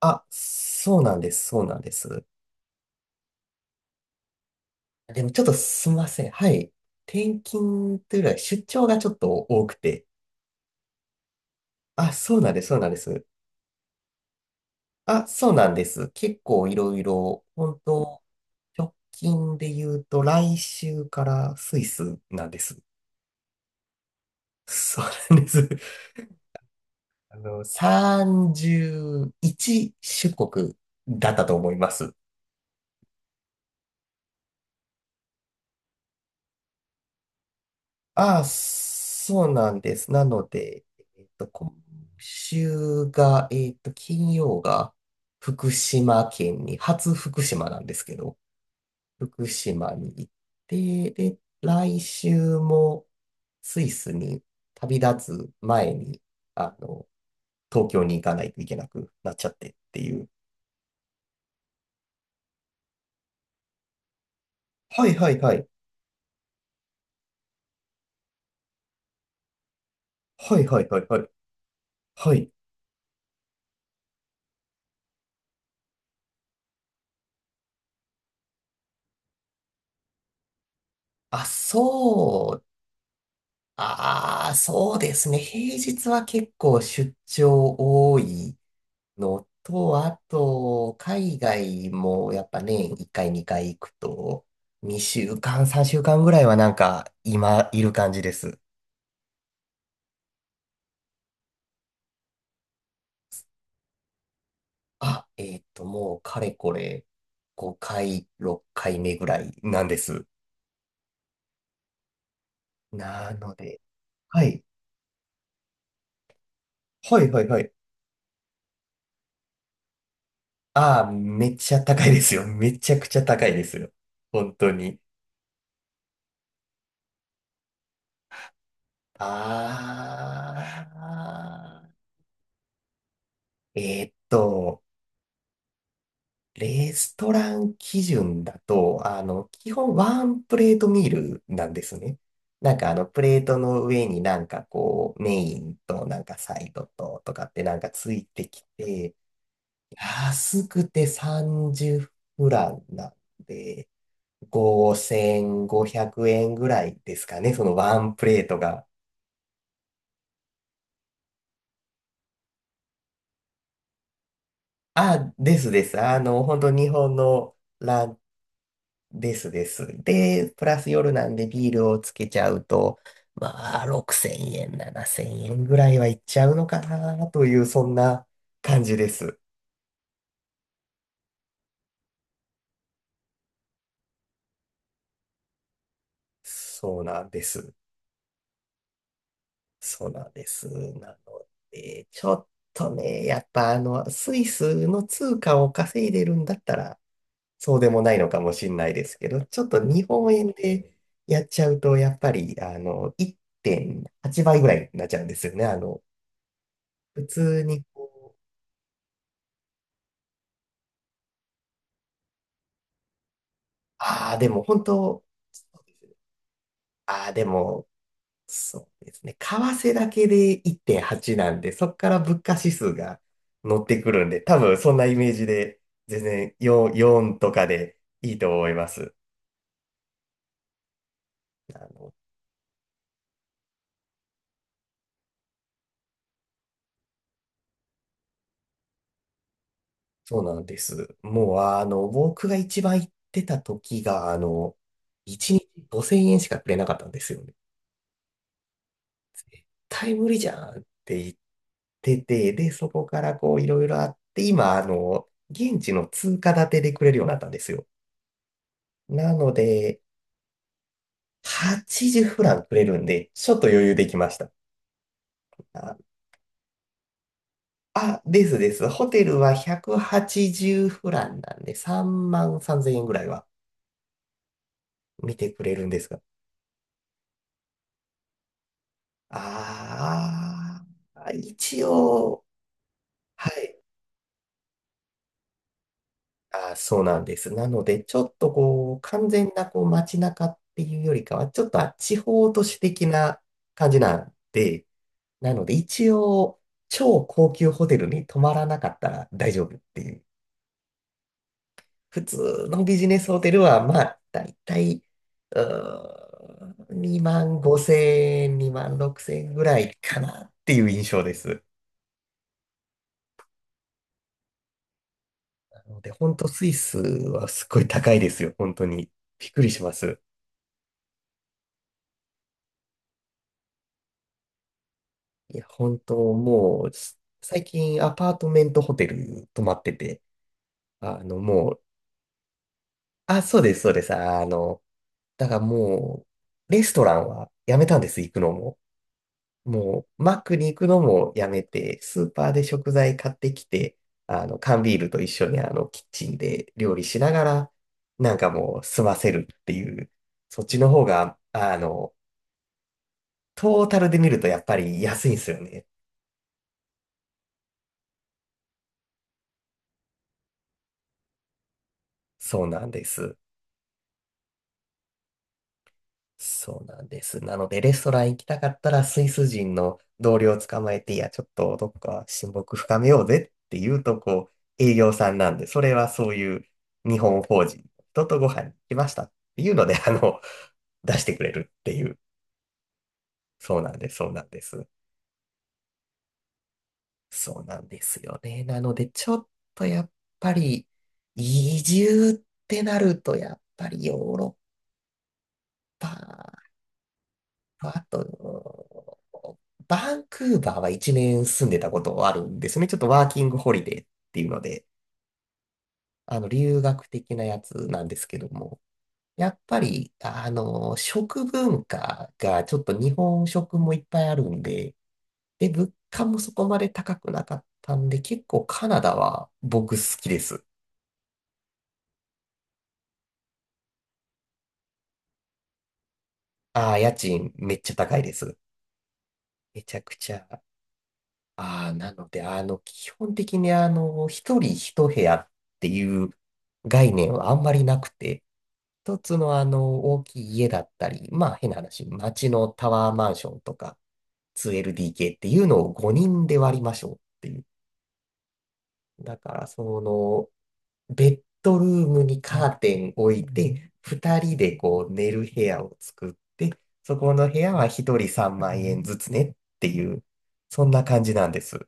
あ、そうなんです、そうなんです。でもちょっとすみません。はい。転勤というよりは出張がちょっと多くて。あ、そうなんです、そうなんです。あ、そうなんです。結構いろいろ、本当直近で言うと来週からスイスなんです。そうなんです。31出国だったと思います。ああ、そうなんです。なので、今週が、金曜が福島県に、初福島なんですけど、福島に行って、で、来週もスイスに旅立つ前に、あの、東京に行かないといけなくなっちゃってっていう。はいはいはい。はいはいはいはい。はい。あ、そうああ、そうですね。平日は結構出張多いのと、あと、海外もやっぱね1回2回行くと、2週間、3週間ぐらいはなんか今いる感じです。あ、もうかれこれ5回、6回目ぐらいなんです。なので、はい。はいはいはい。ああ、めっちゃ高いですよ。めちゃくちゃ高いですよ。本当に。ああ、えーっと、レストラン基準だと、基本ワンプレートミールなんですね。なんかプレートの上になんかこう、メインとなんかサイドととかってなんかついてきて、安くて30フランなんで、5500円ぐらいですかね、そのワンプレートが。あ、ですです。本当日本のラン。ですです。で、プラス夜なんでビールをつけちゃうと、まあ、6000円、7000円ぐらいはいっちゃうのかなという、そんな感じです。そうなんです。そうなんです。なので、ちょっとね、やっぱスイスの通貨を稼いでるんだったら、そうでもないのかもしれないですけど、ちょっと日本円でやっちゃうと、やっぱり、1.8倍ぐらいになっちゃうんですよね。普通に。ああ、でも本当、そうですね。ああ、でも、そうですね。為替だけで1.8なんで、そこから物価指数が乗ってくるんで、多分そんなイメージで、全然4、4とかでいいと思います。あの、そうなんです。もう、僕が一番行ってた時が、1日5000円しかくれなかったんですよね。対無理じゃんって言ってて、で、そこからこういろいろあって、今、現地の通貨建てでくれるようになったんですよ。なので、80フランくれるんで、ちょっと余裕できました。あ、あ、ですです。ホテルは180フランなんで、3万3000円ぐらいは見てくれるんですが。ああ、一応、はい。あー、そうなんです。なので、ちょっとこう、完全なこう街中っていうよりかは、ちょっと地方都市的な感じなんで、なので、一応、超高級ホテルに泊まらなかったら大丈夫っていう。普通のビジネスホテルは、まあ、だいたい、2万5千円、2万6千円ぐらいかなっていう印象です。なので、本当スイスはすっごい高いですよ。本当に。びっくりします。いや、本当もう、最近アパートメントホテル泊まってて、もう、あ、そうです、そうです。だからもう、レストランはやめたんです、行くのも。もう、マックに行くのもやめて、スーパーで食材買ってきて、缶ビールと一緒にキッチンで料理しながら、なんかもう、済ませるっていう、そっちの方が、トータルで見るとやっぱり安いんですよね。そうなんです。そうなんです。なので、レストラン行きたかったら、スイス人の同僚を捕まえて、いや、ちょっとどっか親睦深めようぜって言うと、こう、営業さんなんで、それはそういう日本法人の人とご飯に行きましたっていうので、出してくれるっていう。そうなんです、そうなんです。そうなんですよね。なので、ちょっとやっぱり、移住ってなると、やっぱりヨーロッパまあと、バンクーバーは1年住んでたことあるんですね。ちょっとワーキングホリデーっていうので、留学的なやつなんですけども、やっぱり、食文化がちょっと日本食もいっぱいあるんで、で、物価もそこまで高くなかったんで、結構カナダは僕好きです。ああ、家賃めっちゃ高いです。めちゃくちゃ。ああ、なので、基本的に、一人一部屋っていう概念はあんまりなくて、一つの、大きい家だったり、まあ、変な話、街のタワーマンションとか、2LDK っていうのを5人で割りましょうっていう。だから、ベッドルームにカーテン置いて、2人でこう、寝る部屋を作って、そこの部屋は一人3万円ずつねっていう、そんな感じなんです。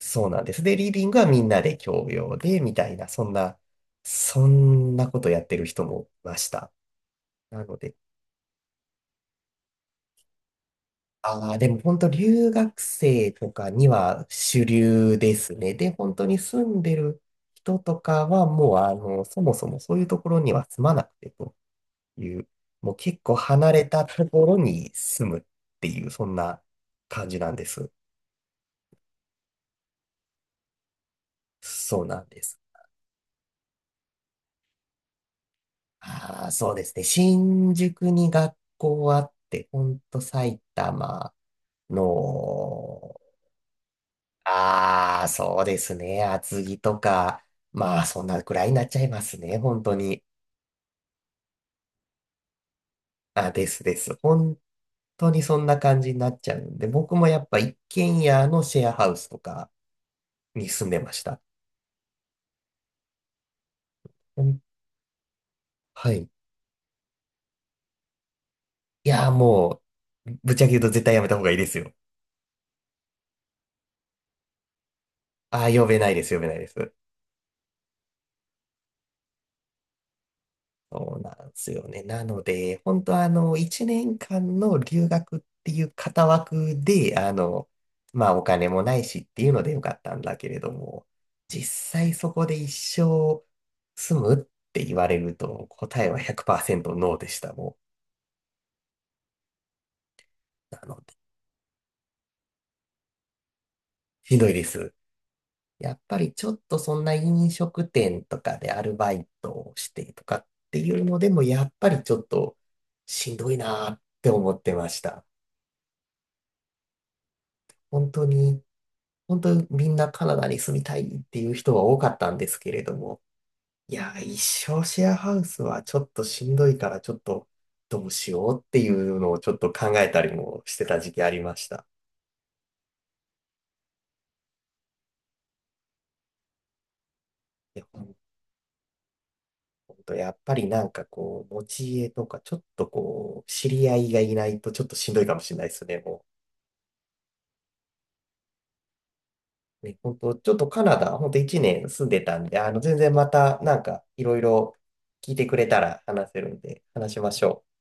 そうなんです。で、リビングはみんなで共用で、みたいな、そんなことやってる人もいました。なので、ああ、でも本当留学生とかには主流ですね。で、本当に住んでる人とかはもう、そもそもそういうところには住まなくてという、もう結構離れたところに住むっていう、そんな感じなんです。そうなんです。ああ、そうですね。新宿に学校あって、ほんと埼玉の、ああ、そうですね。厚木とか、まあ、そんなくらいになっちゃいますね。本当に。あ、ですです。本当にそんな感じになっちゃうんで、僕もやっぱ一軒家のシェアハウスとかに住んでました。うん、はい。いやー、もう、ぶっちゃけ言うと絶対やめた方がいいですよ。ああ、呼べないです、呼べないです。そうなんですよね。なので、本当1年間の留学っていう型枠で、まあお金もないしっていうのでよかったんだけれども、実際そこで一生住むって言われると答えは100%ノーでした、もんなので、ひどいです。やっぱりちょっとそんな飲食店とかでアルバイトをしてとかっていうのでも、やっぱりちょっとしんどいなーって思ってました。本当に本当にみんなカナダに住みたいっていう人は多かったんですけれども、いや、一生シェアハウスはちょっとしんどいからちょっとどうしようっていうのをちょっと考えたりもしてた時期ありました。いや、本当やっぱりなんかこう、持ち家とかちょっとこう、知り合いがいないとちょっとしんどいかもしれないですね、もう。ね、本当ちょっとカナダ、本当1年住んでたんで、全然またなんかいろいろ聞いてくれたら話せるんで、話しましょう。